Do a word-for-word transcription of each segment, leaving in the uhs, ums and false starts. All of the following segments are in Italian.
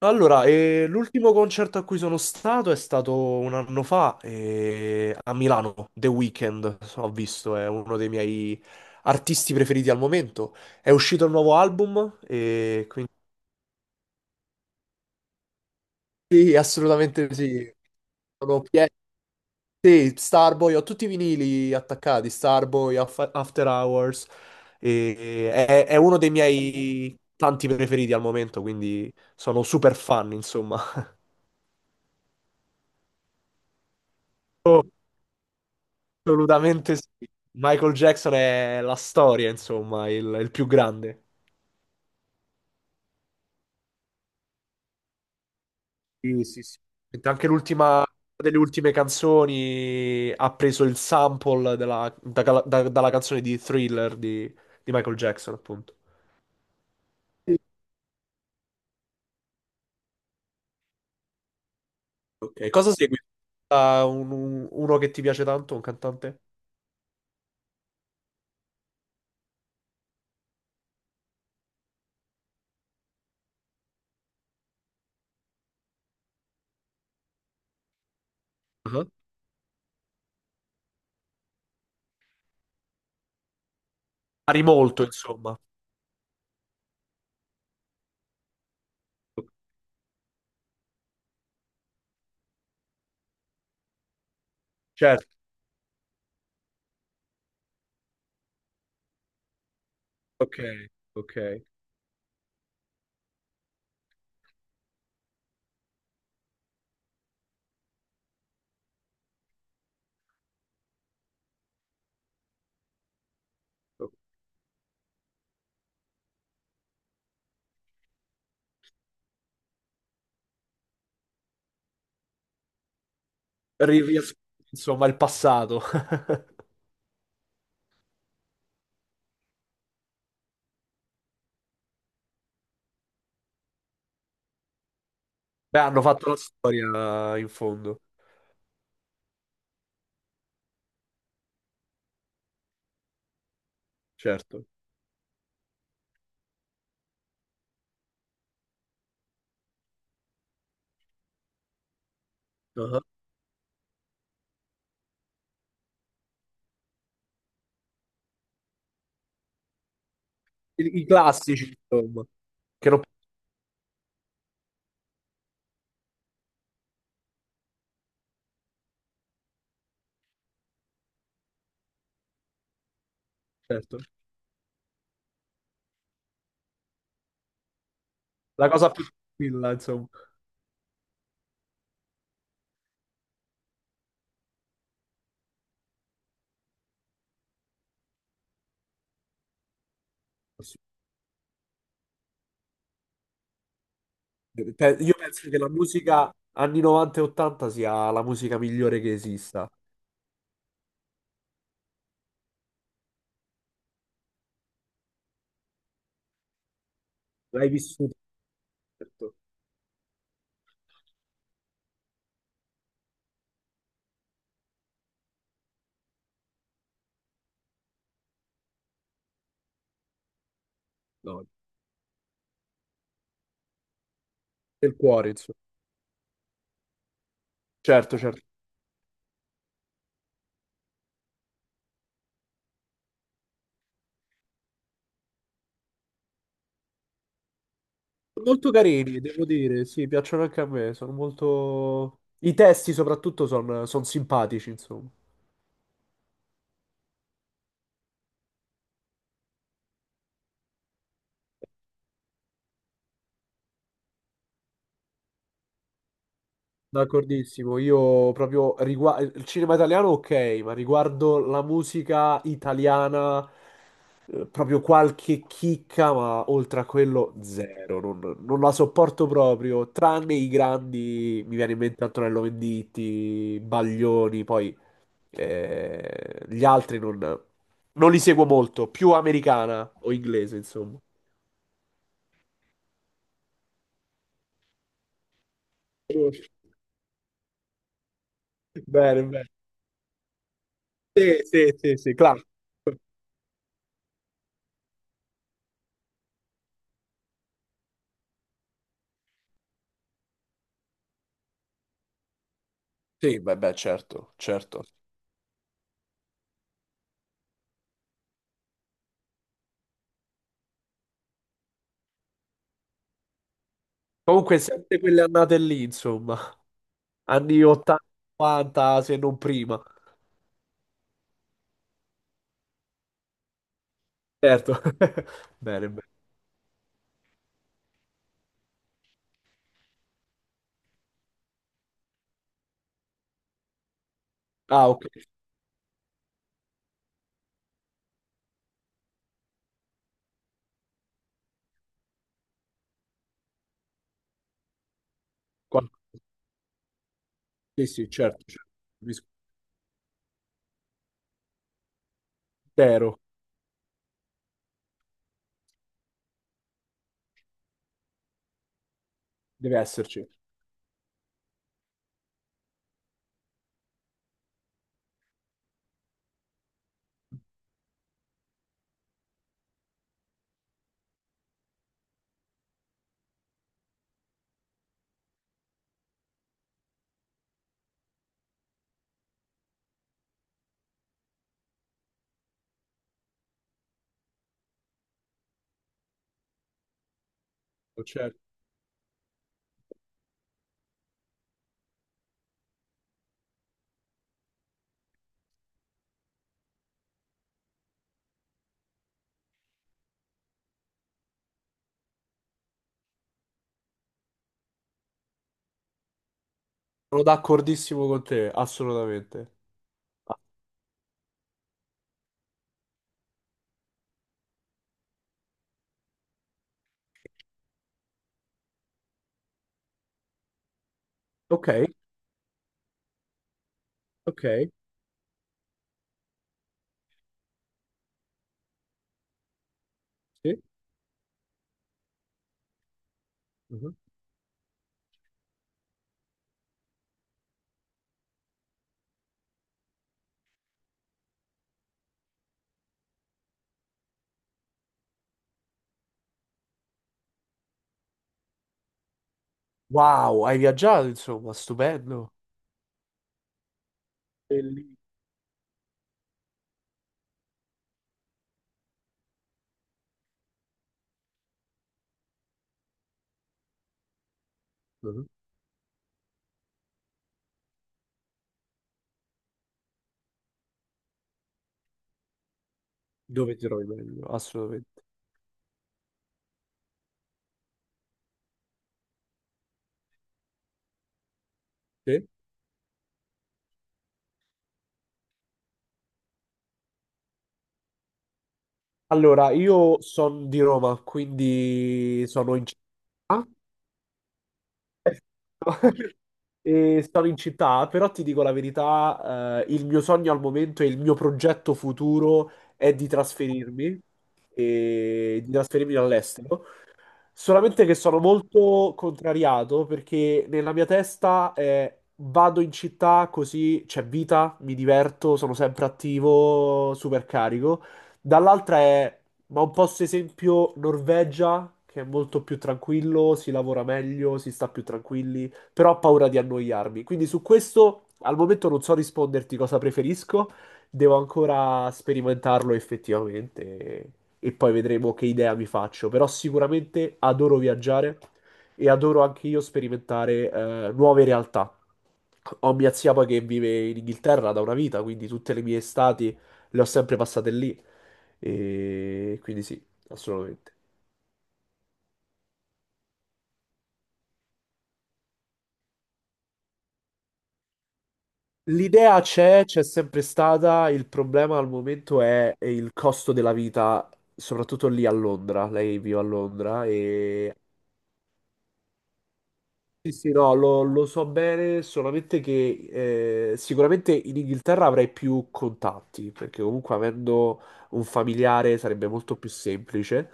Allora, eh, l'ultimo concerto a cui sono stato è stato un anno fa eh, a Milano, The Weeknd, ho visto, è uno dei miei artisti preferiti al momento. È uscito il nuovo album e quindi sì, assolutamente sì. Sono pie- sì, Starboy, ho tutti i vinili attaccati, Starboy, Af- After Hours, e- è, è uno dei miei tanti preferiti al momento, quindi sono super fan, insomma. Assolutamente sì. Michael Jackson è la storia, insomma, il, il più grande. Sì, sì, sì. Anche l'ultima una delle ultime canzoni ha preso il sample della- da- da- dalla canzone di Thriller di, di Michael Jackson, appunto. Sì. Ok, cosa segui? Ah, un- un- uno che ti piace tanto, un cantante? Ah. Pari molto, insomma. Certo, ok, ok. Ri- riassume, insomma, il passato. Beh, hanno fatto la storia in fondo. Certo. Ah. I, i classici, insomma. Che non- Certo. La cosa più. Quella, insomma. Pe- Io penso che la musica anni novanta e ottanta sia la musica migliore che esista. L'hai vissuto, certo. No, del cuore, insomma. Certo, certo. Molto carini, devo dire, sì, piacciono anche a me, sono molto. I testi soprattutto sono simpatici, insomma. D'accordissimo, io proprio riguardo il cinema italiano, ok, ma riguardo la musica italiana eh, proprio qualche chicca, ma oltre a quello zero, non, non la sopporto proprio, tranne i grandi, mi viene in mente Antonello Venditti, Baglioni, poi eh, gli altri non, non li seguo molto, più americana o inglese, insomma. Bene, bene. Sì, sì, sì, sì, claro. Sì, beh, beh, certo, certo. Comunque, sempre quelle annate lì, insomma, anni ottanta, novanta, se non prima. Certo. Bene, bene. Ah, ok. Qua- Sì, sì, certo, certo. Capisco. Tero, deve esserci. Certo. Certo. Sono d'accordissimo con te, assolutamente. Ah, ok, ok. Sì. Mhm. Wow, hai viaggiato, insomma, stupendo. Bellissimo. Mhm. Dove ti trovi meglio? Assolutamente. Sì. Allora, io sono di Roma, quindi sono in città. E sono in città, però ti dico la verità, eh, il mio sogno al momento e il mio progetto futuro è di trasferirmi, e di trasferirmi all'estero. Solamente che sono molto contrariato perché nella mia testa è vado in città così c'è vita, mi diverto, sono sempre attivo, super carico. Dall'altra è, ma un posto esempio Norvegia, che è molto più tranquillo, si lavora meglio, si sta più tranquilli, però ho paura di annoiarmi. Quindi su questo al momento non so risponderti cosa preferisco. Devo ancora sperimentarlo effettivamente e, e poi vedremo che idea mi faccio. Però sicuramente adoro viaggiare e adoro anche io sperimentare eh, nuove realtà. Ho mia zia poi che vive in Inghilterra da una vita, quindi tutte le mie estati le ho sempre passate lì. E quindi sì, assolutamente. L'idea c'è, c'è sempre stata, il problema al momento è, è il costo della vita, soprattutto lì a Londra. Lei vive a Londra e sì, sì, no, lo, lo so bene, solamente che eh, sicuramente in Inghilterra avrei più contatti, perché comunque avendo un familiare sarebbe molto più semplice.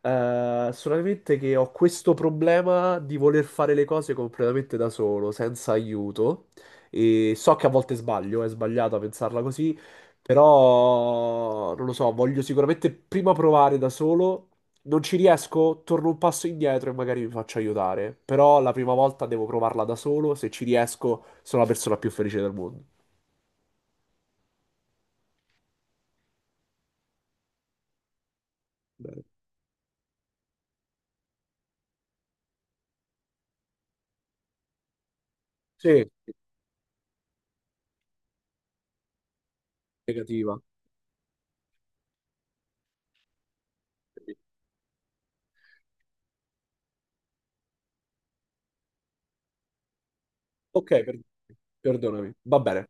Eh, solamente che ho questo problema di voler fare le cose completamente da solo, senza aiuto. E so che a volte sbaglio, è sbagliato a pensarla così, però non lo so, voglio sicuramente prima provare da solo non ci riesco, torno un passo indietro e magari mi faccio aiutare. Però la prima volta devo provarla da solo. Se ci riesco, sono la persona più felice del mondo. Bene. Sì, negativa. Ok, per- perdonami. Va bene.